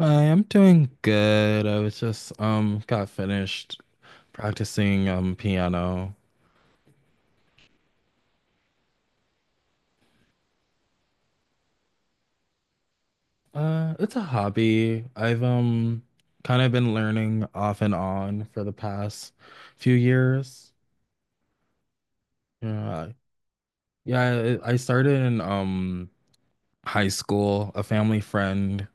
Hi, I'm doing good. I was just got finished practicing piano. It's a hobby. I've kind of been learning off and on for the past few years. Yeah. Yeah, I started in high school. A family friend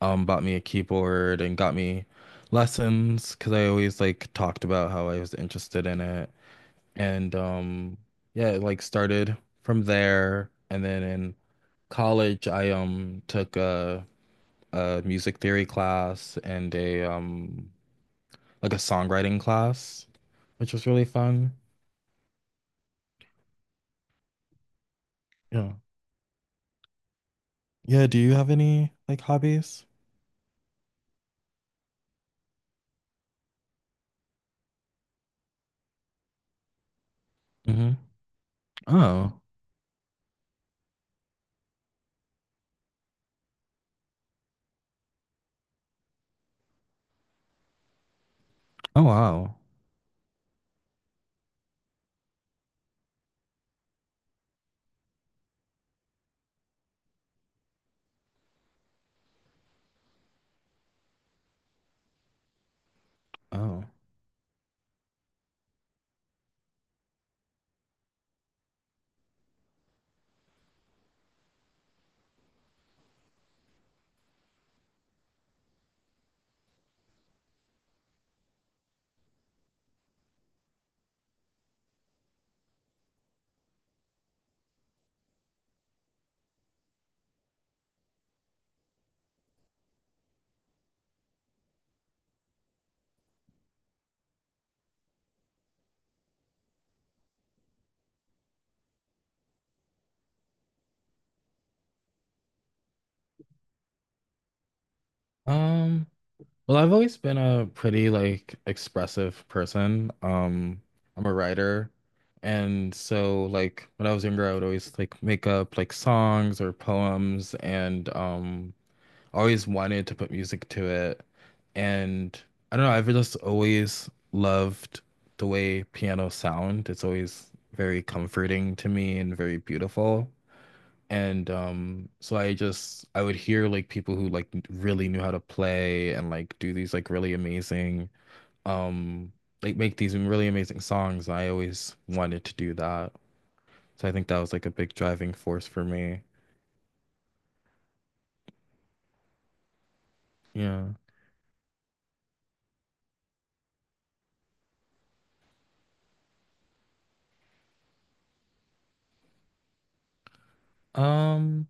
bought me a keyboard and got me lessons because I always like talked about how I was interested in it. And yeah, it like started from there. And then in college I took a music theory class and a like a songwriting class, which was really fun. Yeah. Yeah, do you have any like hobbies? Hmm. Oh. Oh wow. Oh. Um Well, I've always been a pretty like expressive person. I'm a writer. And so like when I was younger, I would always like make up like songs or poems and always wanted to put music to it. And I don't know, I've just always loved the way piano sound. It's always very comforting to me and very beautiful. And so I would hear like people who like really knew how to play and like do these like really amazing um like make these really amazing songs. I always wanted to do that. So I think that was like a big driving force for me. Yeah. Um,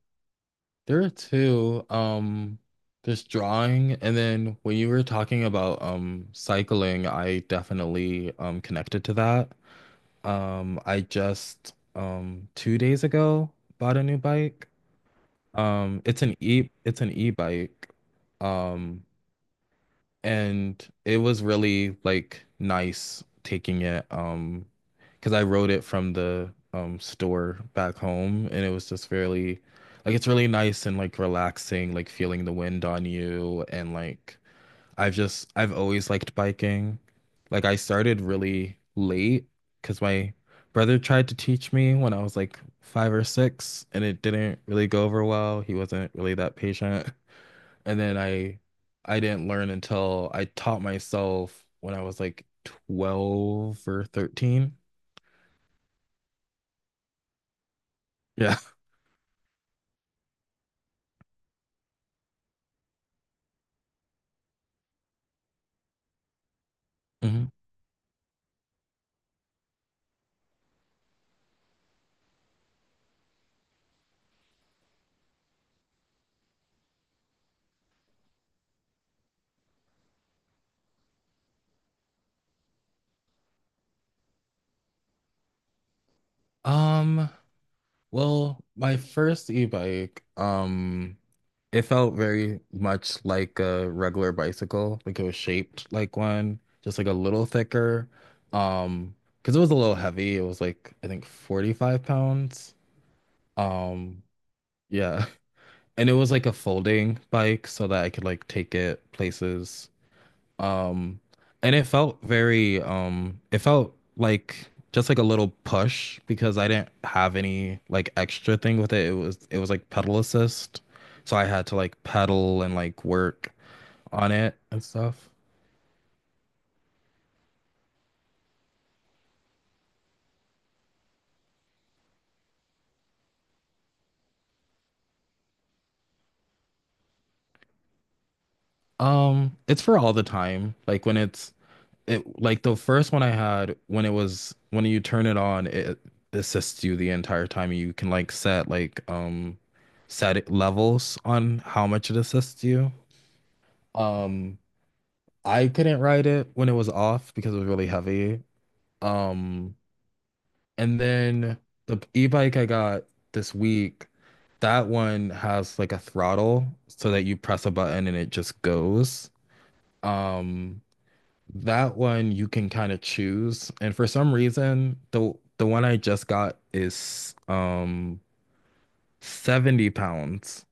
there are two. There's drawing and then when you were talking about cycling, I definitely connected to that. I just 2 days ago bought a new bike. It's an e-bike. Um, and it was really like nice taking it because I rode it from the store back home and it was just really like it's really nice and like relaxing, like feeling the wind on you and like I've always liked biking. Like I started really late because my brother tried to teach me when I was like five or six, and it didn't really go over well. He wasn't really that patient. And then I didn't learn until I taught myself when I was like 12 or 13. Yeah. Mhm. Um, well, my first e-bike, it felt very much like a regular bicycle. Like it was shaped like one, just like a little thicker. Um, because it was a little heavy. It was like I think 45 pounds. Um, yeah. And it was like a folding bike so that I could like take it places. Um, and it felt very it felt like just like a little push because I didn't have any like extra thing with it. It was like pedal assist. So I had to like pedal and like work on it and stuff. It's for all the time. Like when it's it like the first one I had when it was when you turn it on, it assists you the entire time. You can like set like levels on how much it assists you. Um I couldn't ride it when it was off because it was really heavy. Um, and then the e-bike I got this week, that one has like a throttle so that you press a button and it just goes. Um, that one you can kind of choose. And for some reason, the one I just got is 70 pounds,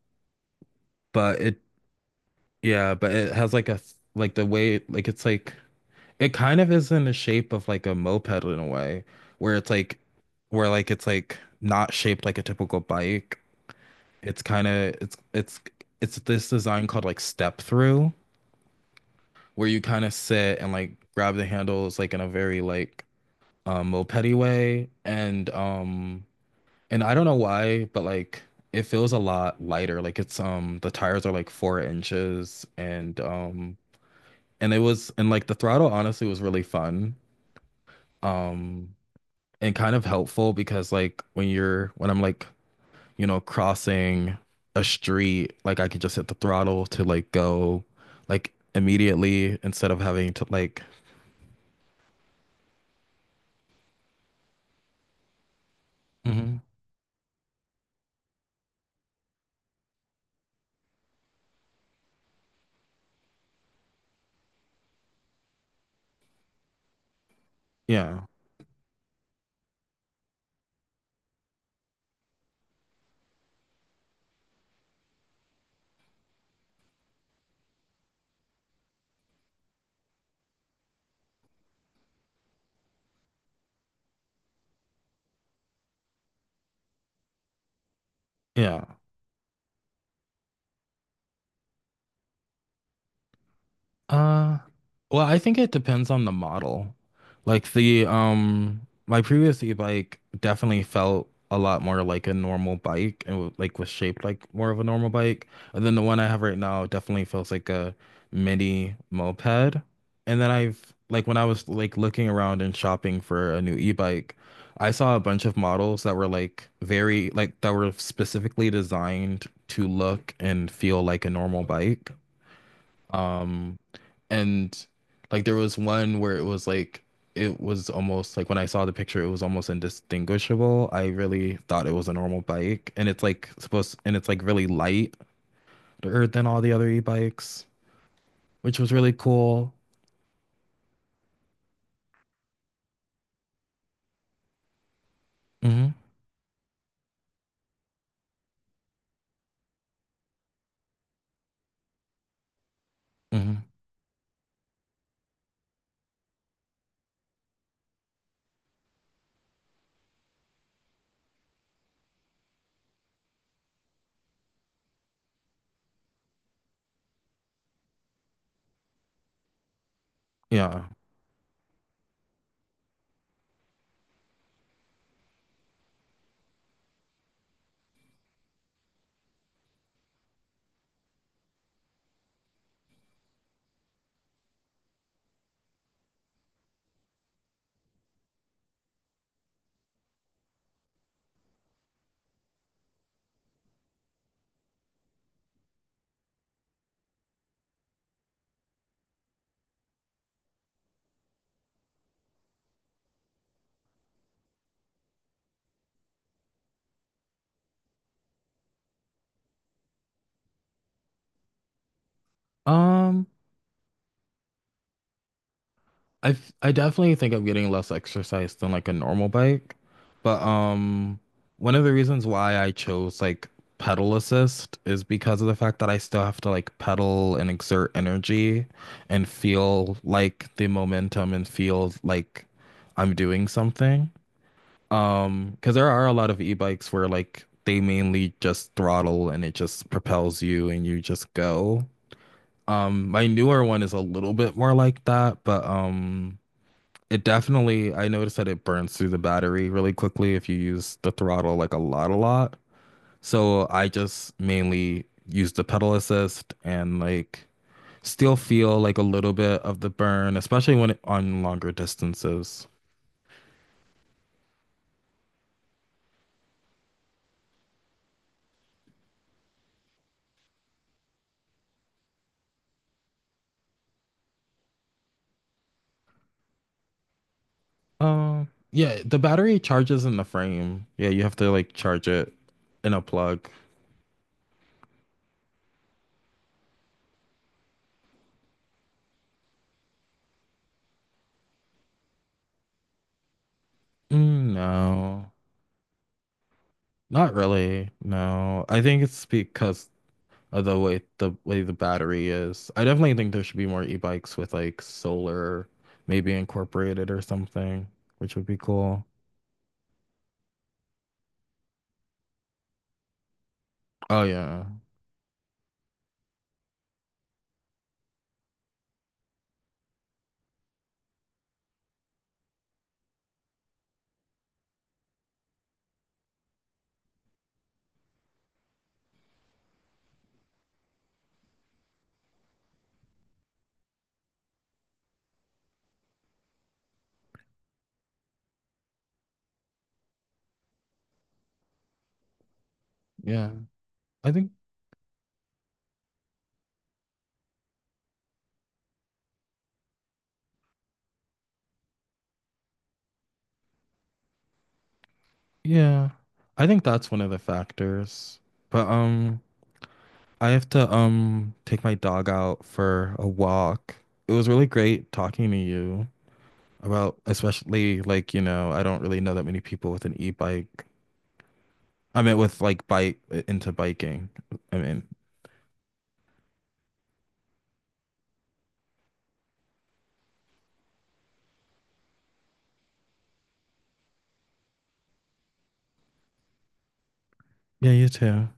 but it yeah, but it has like a like the weight like it kind of is in the shape of like a moped in a way, where it's like where like it's like not shaped like a typical bike. It's kind of it's this design called like step through, where you kind of sit and like grab the handles like in a very like mopedy way. And I don't know why, but like it feels a lot lighter. Like it's the tires are like 4 inches and it was and like the throttle honestly was really fun. Um and kind of helpful because like when you're when I'm like, you know, crossing a street, like I could just hit the throttle to like go like immediately instead of having to like hmm yeah. Yeah. Uh, well, I think it depends on the model. Like the my previous e-bike definitely felt a lot more like a normal bike and like was shaped like more of a normal bike. And then the one I have right now definitely feels like a mini moped. And then I've like when I was like looking around and shopping for a new e-bike, I saw a bunch of models that were like very like that were specifically designed to look and feel like a normal bike. Um and like there was one where it was like it was almost like when I saw the picture, it was almost indistinguishable. I really thought it was a normal bike, and it's like supposed and it's like really lighter than all the other e-bikes, which was really cool. Hmm. Hmm. Yeah. Um, I definitely think I'm getting less exercise than like a normal bike, but one of the reasons why I chose like pedal assist is because of the fact that I still have to like pedal and exert energy and feel like the momentum and feel like I'm doing something. Because there are a lot of e-bikes where like they mainly just throttle and it just propels you and you just go. My newer one is a little bit more like that, but. It definitely, I noticed that it burns through the battery really quickly if you use the throttle like a lot, a lot. So I just mainly use the pedal assist and like still feel like a little bit of the burn, especially when it, on longer distances. Yeah, the battery charges in the frame. Yeah, you have to like charge it in a plug. Mm, no, not really. No, I think it's because the way the battery is. I definitely think there should be more e-bikes with like solar maybe incorporated or something, which would be cool. Oh yeah. Yeah. I think yeah. I think that's one of the factors. But I have to take my dog out for a walk. It was really great talking to you about especially like, you know, I don't really know that many people with an e-bike. I mean with like bike into biking. I mean, yeah, you too.